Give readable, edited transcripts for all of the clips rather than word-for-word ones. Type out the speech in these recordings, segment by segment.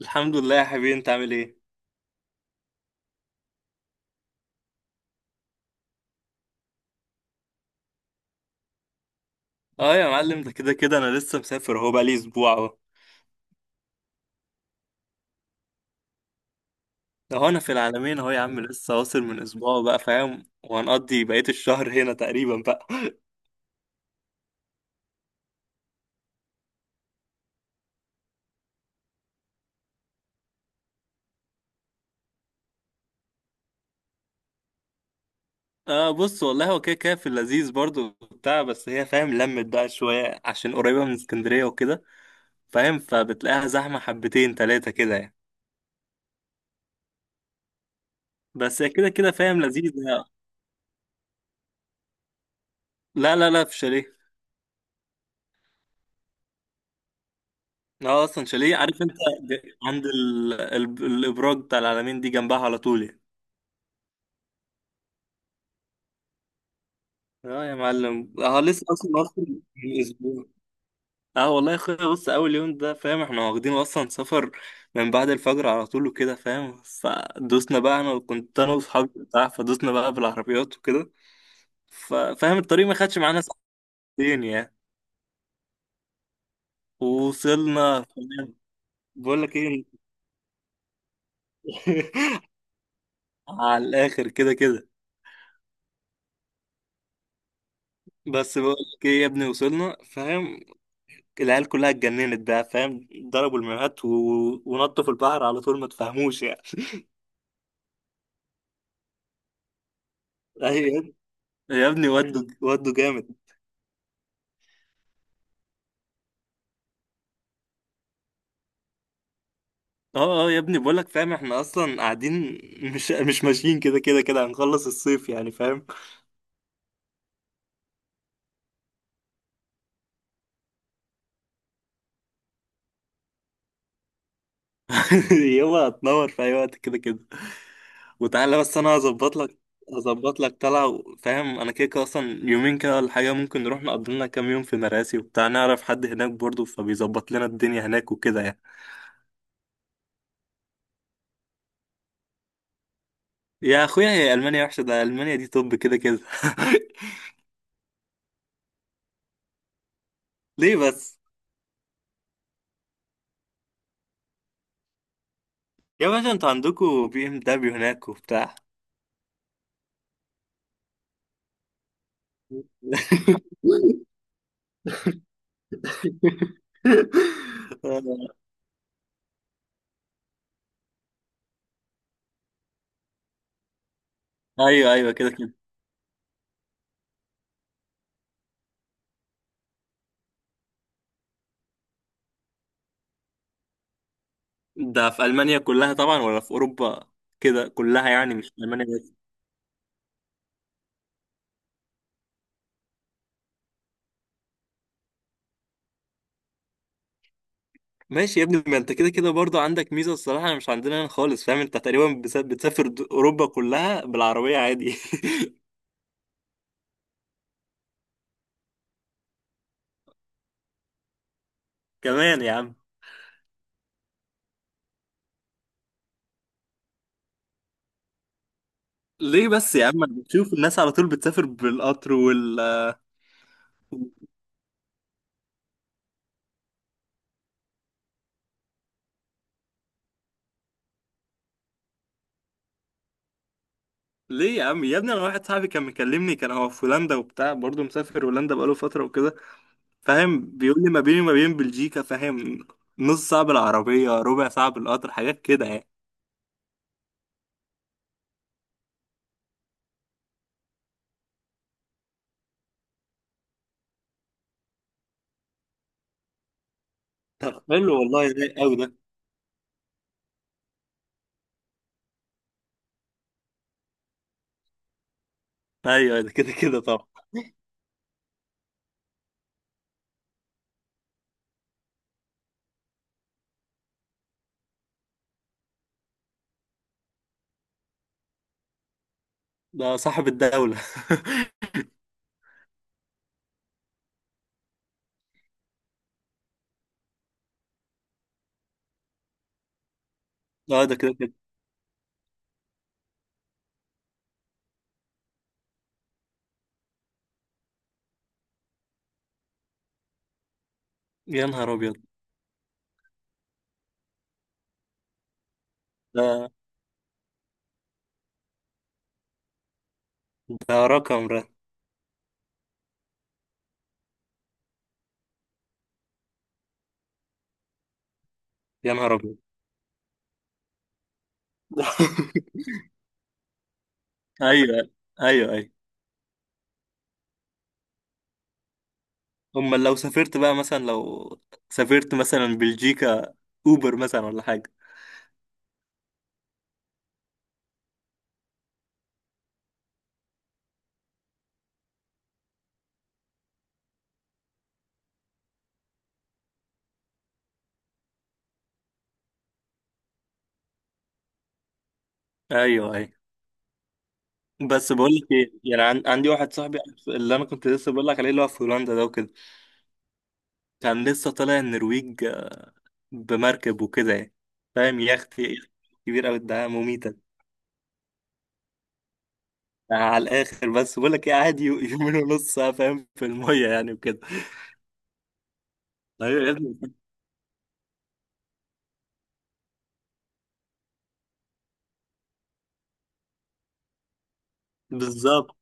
الحمد لله يا حبيبي، انت عامل ايه؟ اه يا معلم، ده كده كده انا لسه مسافر اهو، بقالي اسبوع اهو. ده هو انا في العالمين اهو يا عم، لسه واصل من اسبوع بقى فاهم، وهنقضي بقية الشهر هنا تقريبا بقى. آه، بص والله هو كده كده في اللذيذ برضو بتاع، بس هي فاهم لمت بقى شوية عشان قريبة من اسكندرية وكده. فاهم، فبتلاقيها زحمة حبتين تلاتة كده يعني. بس هي كده كده فاهم لذيذ يعني. لا لا لا، في شاليه. لا، اصلا شاليه عارف انت. عند الابراج بتاع العالمين دي، جنبها على طول يعني. اه يا معلم، اه لسه اصلا من اسبوع. اه والله يا اخويا، بص اول يوم ده فاهم، احنا واخدين اصلا سفر من بعد الفجر على طول وكده فاهم، فدوسنا بقى انا كنت انا واصحابي بتاع، فدوسنا بقى بالعربيات وكده. فاهم، الطريق ما خدش معانا ساعتين يعني. ووصلنا فاهم؟ بقول لك ايه. على الاخر كده كده. بس بقول لك ايه يا ابني، وصلنا فاهم، العيال كلها اتجننت بقى فاهم، ضربوا المايوهات ونطوا في البحر على طول، ما تفهموش يعني. يا ابني، ودوا ودوا جامد. اه، اه يا ابني بقولك فاهم، احنا اصلا قاعدين، مش ماشيين، كده كده كده هنخلص الصيف يعني فاهم. يلا، هتنور في اي وقت كده كده. وتعالى بس، انا هظبط لك طلعه فاهم، انا كده كده اصلا يومين كده ولا حاجه، ممكن نروح نقضي لنا كام يوم في مراسي وبتاع، نعرف حد هناك برضه فبيظبط لنا الدنيا هناك وكده يعني. يا اخويا، هي المانيا وحشه؟ ده المانيا دي طب كده كده. ليه بس؟ يا باشا، انتوا عندكوا بي ام دبليو هناك وبتاع. ايوه، ايوه كده كده. ده في المانيا كلها طبعا ولا في اوروبا؟ كده كلها يعني، مش في المانيا بس. ماشي يا ابني، ما انت كده كده برضه عندك ميزه الصراحه، مش عندنا هنا خالص، فاهم انت تقريبا بتسافر اوروبا كلها بالعربيه عادي. كمان يا عم؟ ليه بس يا عم، انا بشوف الناس على طول بتسافر بالقطر وال ليه يا عم، يا ابني انا واحد صاحبي كان مكلمني، كان هو في هولندا وبتاع برضه مسافر هولندا بقاله فتره وكده، فاهم، بيقول لي ما بيني وما بين بلجيكا، فاهم، نص ساعة بالعربية، ربع ساعة بالقطر، حاجات كده يعني. طب حلو والله، رايق قوي ده. ايوه، أيوه، ده كده كده طبعا. ده صاحب الدولة. اه، ده كده كده. يا نهار ابيض. ده ده رقم ده. يا نهار ابيض. ايوه، ايوه، ايوه. امال لو سافرت بقى مثلا، لو سافرت مثلا بلجيكا، اوبر مثلا ولا حاجه؟ ايوه، ايوه، بس بقول لك ايه يعني، عندي واحد صاحبي، اللي انا كنت لسه بقول لك عليه، اللي هو في هولندا ده وكده، كان لسه طالع النرويج بمركب وكده يعني، فاهم، يخت يخت كبير أوي، ده مميتة. على الآخر، بس بقول لك إيه، قاعد يومين ونص آه، فاهم في المية يعني وكده. أيوة يا ابني، بالظبط.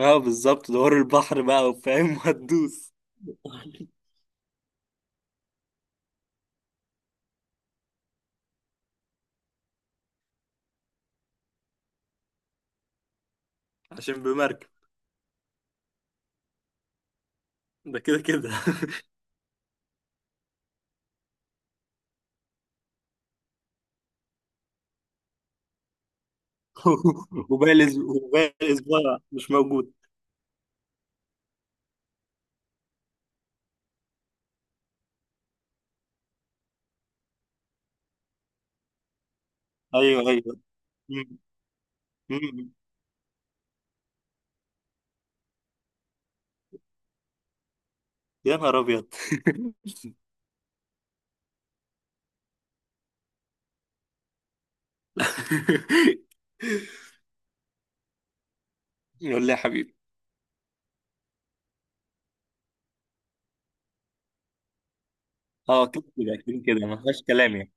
اه بالظبط، دوار البحر بقى وفاهم وهتدوس. عشان بمركب. ده كده كده. وباقي الأس- وباقي الأسبوع مش موجود. أيوه، أيوه. مم. مم. يا نهار أبيض. قول لي يا حبيبي. اه كده كده كده كده، ما فيهاش كلام يعني.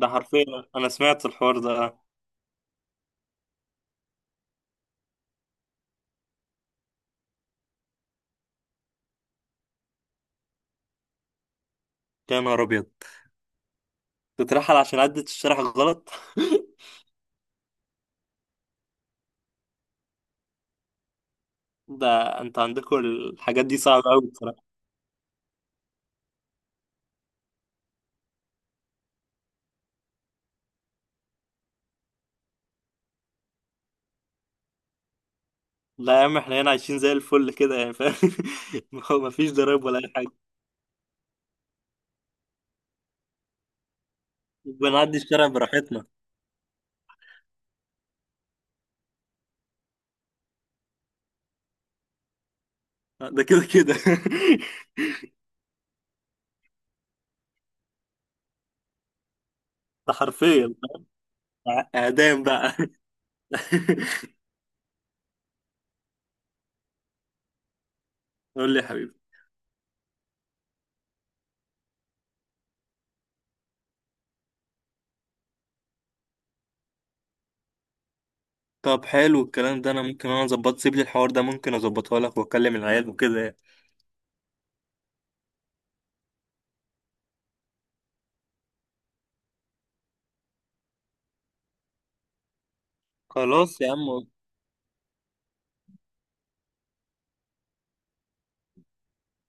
ده حرفيا، انا سمعت الحوار ده. يا نهار ابيض، تترحل عشان عدت الشرح غلط؟ ده، انت عندكم الحاجات دي صعبة قوي بصراحة. لا يا عم، احنا هنا عايشين زي الفل كده يعني فاهم. ما فيش ضرايب ولا اي حاجة، بنعدي الشارع براحتنا. ده كده كده. ده حرفيا، اعدام بقى؟ قول لي يا حبيبي. طب حلو الكلام ده، انا ممكن انا اظبط، سيب لي الحوار ده ممكن اظبطه لك واكلم العيال وكده يعني. خلاص يا عم،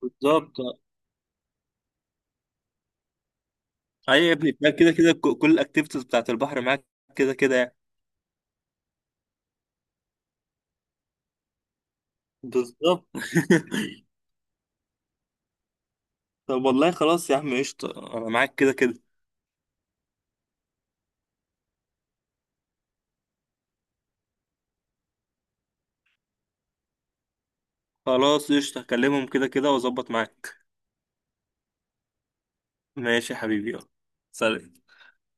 بالظبط. ايوه يا ابني، ده كده كده كل الاكتيفيتيز بتاعت البحر معاك كده كده يعني. بالظبط. طب والله خلاص يا عم، قشطة انا معاك كده كده. خلاص قشطة، هكلمهم كده كده واظبط معاك. ماشي يا حبيبي، يلا. سلام.